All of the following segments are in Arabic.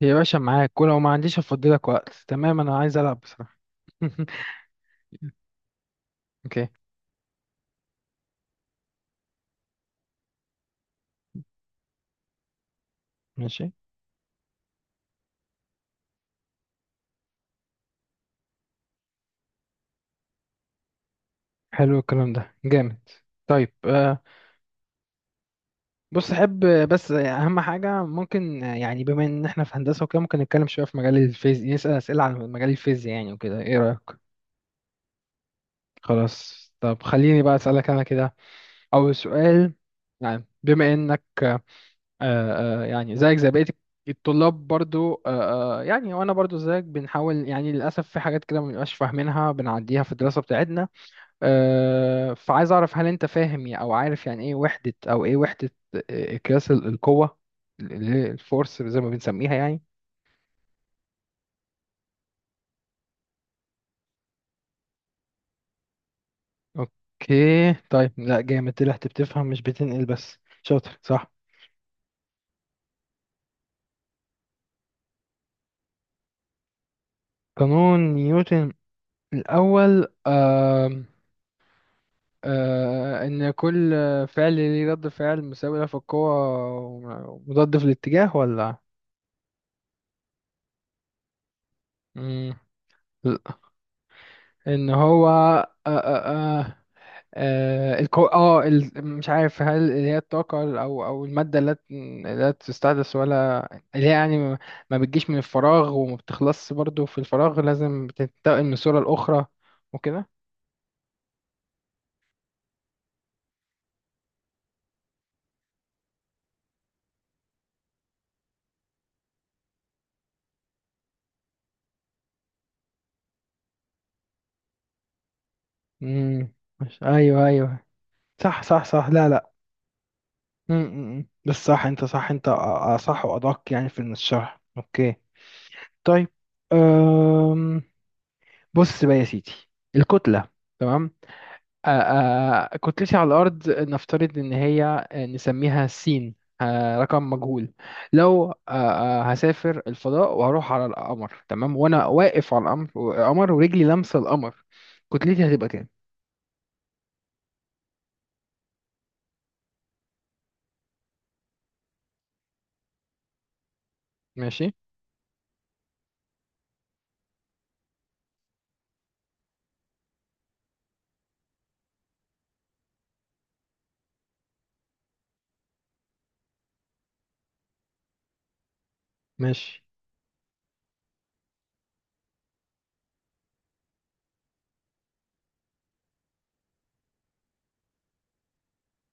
يا باشا، معاك، ولو ما عنديش افضلك وقت. تمام، انا عايز العب بصراحه. اوكي. ماشي. حلو الكلام ده، جامد. طيب. بص، احب، بس، اهم حاجه ممكن، يعني بما ان احنا في هندسه وكده، ممكن نتكلم شويه في مجال الفيزياء، نسال اسئله عن مجال الفيزياء يعني وكده. ايه رايك؟ خلاص، طب خليني بقى اسالك انا كده. اول سؤال، يعني بما انك يعني زيك زي بقية الطلاب برضو، يعني وانا برضو زيك بنحاول، يعني للاسف في حاجات كده ما بنبقاش فاهمينها، بنعديها في الدراسة بتاعتنا. فعايز اعرف، هل انت فاهم او عارف يعني ايه وحدة او ايه وحدة، قياس القوة، اللي هي الفورس زي ما بنسميها يعني. اوكي. طيب، لا جامد، طلعت بتفهم مش بتنقل. بس شاطر صح؟ قانون نيوتن الاول، إن كل فعل ليه رد فعل مساوي له في القوة، ومضاد في الاتجاه، ولا؟ مم. لأ. إن هو، آه مش عارف، هل اللي هي الطاقة، أو المادة اللي لا تستحدث، ولا اللي هي يعني ما بتجيش من الفراغ وما بتخلصش برضو في الفراغ، لازم بتنتقل من صورة لأخرى، وكده. مم. مش. أيوه، أيوه، صح، صح، صح. لا، لا. مم، مم، مم. بس صح انت، صح انت، اصح وادق يعني في الشرح. اوكي. طيب. أم... بص بقى يا سيدي، الكتلة، تمام. أ- كتلتي على الأرض، نفترض إن هي نسميها سين، رقم مجهول. لو أ- أ، هسافر الفضاء وهروح على القمر، تمام، وأنا واقف على القمر، القمر ورجلي لامسة القمر، كتلتي هتبقى كام؟ ماشي، ماشي.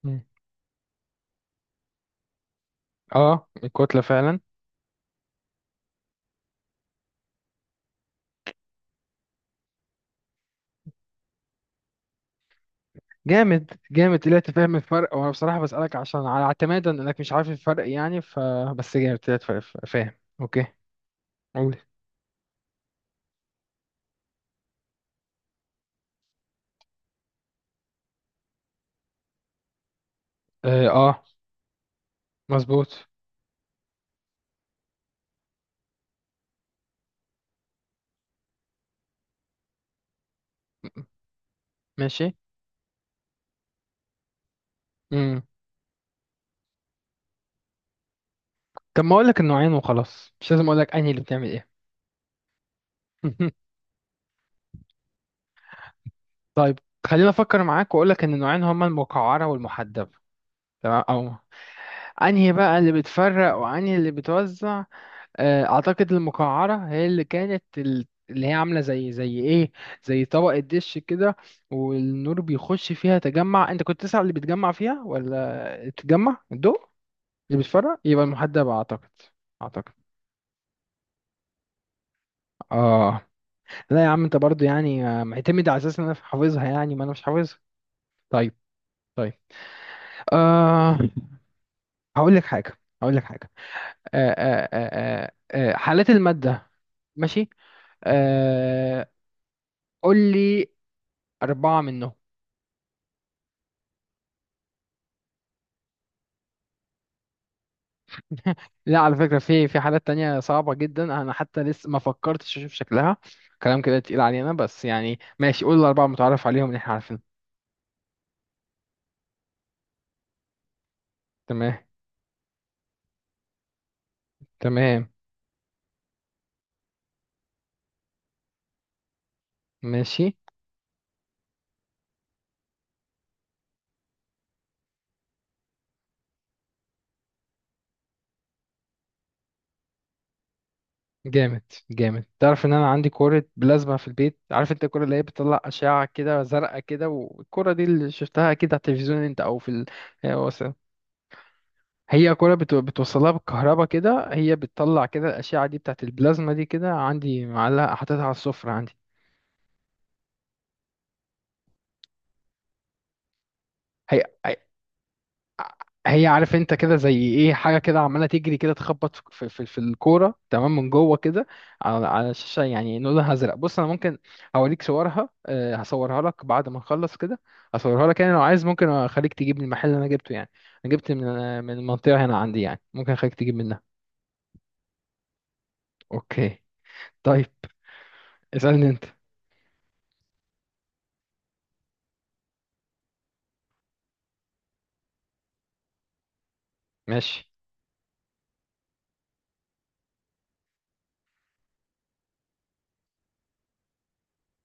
مم. اه، الكتلة فعلا. جامد، جامد، طلعت فاهم الفرق. وانا بصراحة بسألك عشان على اعتمادا انك مش عارف الفرق، يعني ف... بس جامد، طلعت فاهم. اوكي، قول. اه، آه. مظبوط. م- ماشي. امم طب ما اقول لك النوعين وخلاص، مش لازم اقول لك انهي اللي بتعمل ايه. طيب، خلينا افكر معاك واقول لك ان النوعين هما المقعرة والمحدبة، تمام. او انهي بقى اللي بتفرق وانهي اللي بتوزع. اعتقد المقعره هي اللي كانت، اللي هي عامله زي، زي ايه، زي طبق الدش كده. والنور بيخش فيها، تجمع. انت كنت تسأل اللي بيتجمع فيها ولا تتجمع الضوء؟ اللي بيتفرق يبقى المحدب، اعتقد. اعتقد. اه. لا يا عم، انت برضو يعني معتمد على اساس ان انا حافظها، يعني ما انا مش حافظها. طيب، طيب. آه هقول لك حاجه، هقول لك حاجه. حالات الماده. ماشي. آه قول لي أربعة منهم. لا، على فكرة، في في حالات تانية صعبة جدا، أنا حتى لسه ما فكرتش أشوف شكلها. كلام كده تقيل علينا، بس يعني ماشي، قول الأربعة متعرف عليهم اللي إحنا عارفينهم. تمام، تمام. ماشي. جامد، جامد. تعرف إن أنا عندي كورة بلازما في البيت؟ عارف أنت الكورة اللي هي بتطلع أشعة كده زرقاء كده، والكورة دي اللي شفتها أكيد على التلفزيون أنت، أو في ال... هي وصل- هي كورة بتوصلها بالكهرباء كده، هي بتطلع كده الأشعة دي، بتاعت البلازما دي كده، عندي معلقة، حاططها على السفرة عندي. هي هي عارف انت كده، زي ايه حاجه كده عماله تجري كده، تخبط في الكوره، تمام، من جوه كده، على الشاشه، يعني لونها ازرق. بص انا ممكن اوريك صورها، هصورها لك بعد ما نخلص كده. هصورها لك، يعني لو عايز، ممكن اخليك تجيب من المحل اللي انا جبته يعني. انا جبت من المنطقه هنا عندي، يعني ممكن اخليك تجيب منها. اوكي. طيب، اسالني انت. ماشي،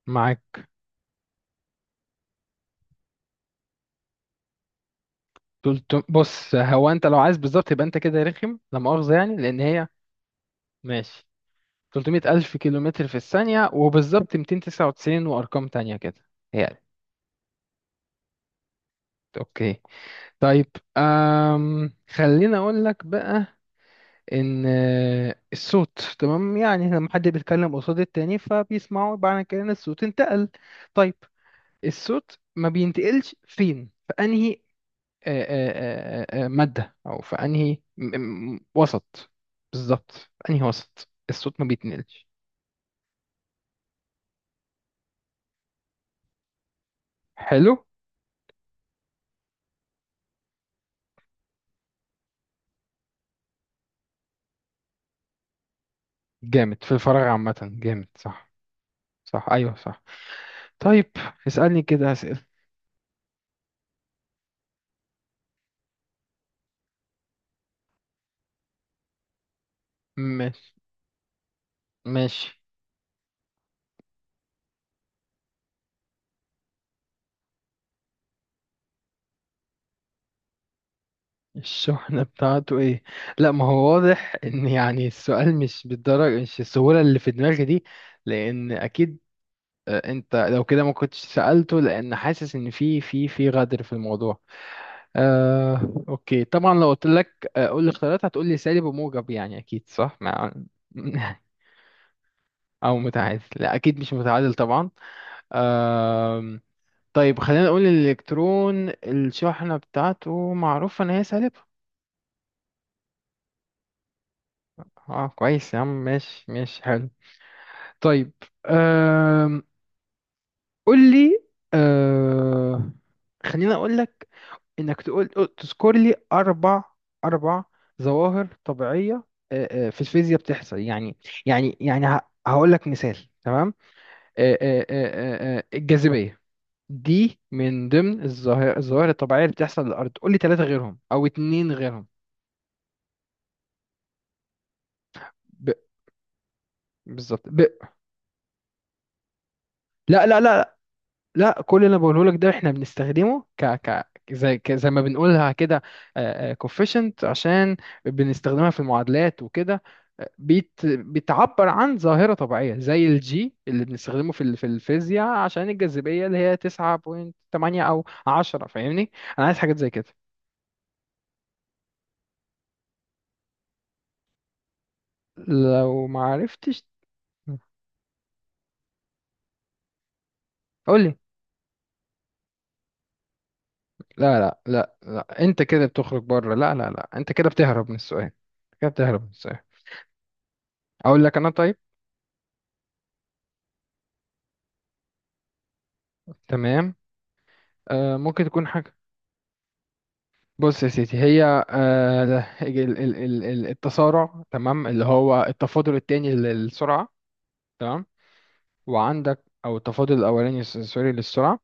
معاك. بص، هو انت لو عايز بالظبط، يبقى انت كده رخم، لا مؤاخذه يعني، لان هي. ماشي. 300 ألف كيلومتر في الثانية، وبالظبط 299 وأرقام تانية كده يعني. أوكي. طيب. خليني أقول لك بقى، إن الصوت، تمام، يعني لما حد بيتكلم قصاد التاني فبيسمعوا بعد كده إن الصوت انتقل. طيب، الصوت ما بينتقلش فين، في أنهي مادة، أو في أنهي وسط، بالظبط، في أنهي وسط الصوت ما بيتنقلش. حلو. جامد، في الفراغ عامة، جامد صح. صح، ايوه، صح. طيب، اسألني كده اسئلة. ماشي، ماشي. الشحنة بتاعته ايه؟ لا، ما هو واضح ان، يعني السؤال مش بالدرجة، مش السهولة اللي في دماغي دي، لان اكيد، انت لو كده ما كنتش سألته، لان حاسس ان في غدر في الموضوع. اوكي، طبعا. لو قلت لك، قول لي اختيارات، هتقول لي سالب وموجب، يعني اكيد صح، مع... او متعادل. لا، اكيد مش متعادل طبعا. آه طيب، خلينا نقول الإلكترون، الشحنة بتاعته معروف إن هي سالبة. اه، كويس يا عم، ماشي، ماشي، حلو. طيب. أم... قول لي. أه... خلينا أقول لك إنك تقول، تذكر لي أربع، أربع ظواهر طبيعية أه، أه، في الفيزياء بتحصل يعني. يعني يعني هقول لك مثال. تمام، أه، أه، أه، أه، أه، الجاذبية دي من ضمن الظواهر الطبيعية اللي بتحصل للأرض. قول لي ثلاثة غيرهم، أو اتنين غيرهم. بالظبط. لا، لا، لا، لا، كل اللي انا بقوله لك ده احنا بنستخدمه ك زي زي ما بنقولها كده، كوفيشنت، عشان بنستخدمها في المعادلات وكده. بتعبر عن ظاهرة طبيعية، زي الجي اللي بنستخدمه في ال... في الفيزياء، عشان الجاذبية اللي هي 9.8 او 10. فاهمني؟ انا عايز حاجات زي كده، لو ما عرفتش قول لي. لا لا لا لا، انت كده بتخرج بره. لا لا لا، انت كده بتهرب من السؤال، كده بتهرب من السؤال. اقول لك انا. طيب، تمام. ممكن تكون حاجة. بص يا سيدي، هي التسارع، تمام، اللي هو التفاضل التاني للسرعة، تمام. وعندك أو التفاضل الأولاني، سوري، للسرعة،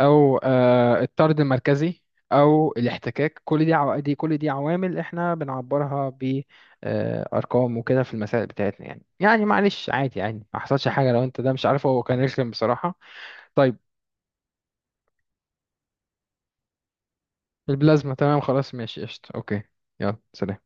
أو الطرد المركزي، أو الاحتكاك، كل دي كل دي عوامل إحنا بنعبرها بأرقام وكده في المسائل بتاعتنا، يعني يعني معلش عادي يعني، ما حصلش حاجة لو أنت ده مش عارفه. هو كان رخم بصراحة. طيب، البلازما، تمام، خلاص، ماشي، قشطة، أوكي. يلا، سلام.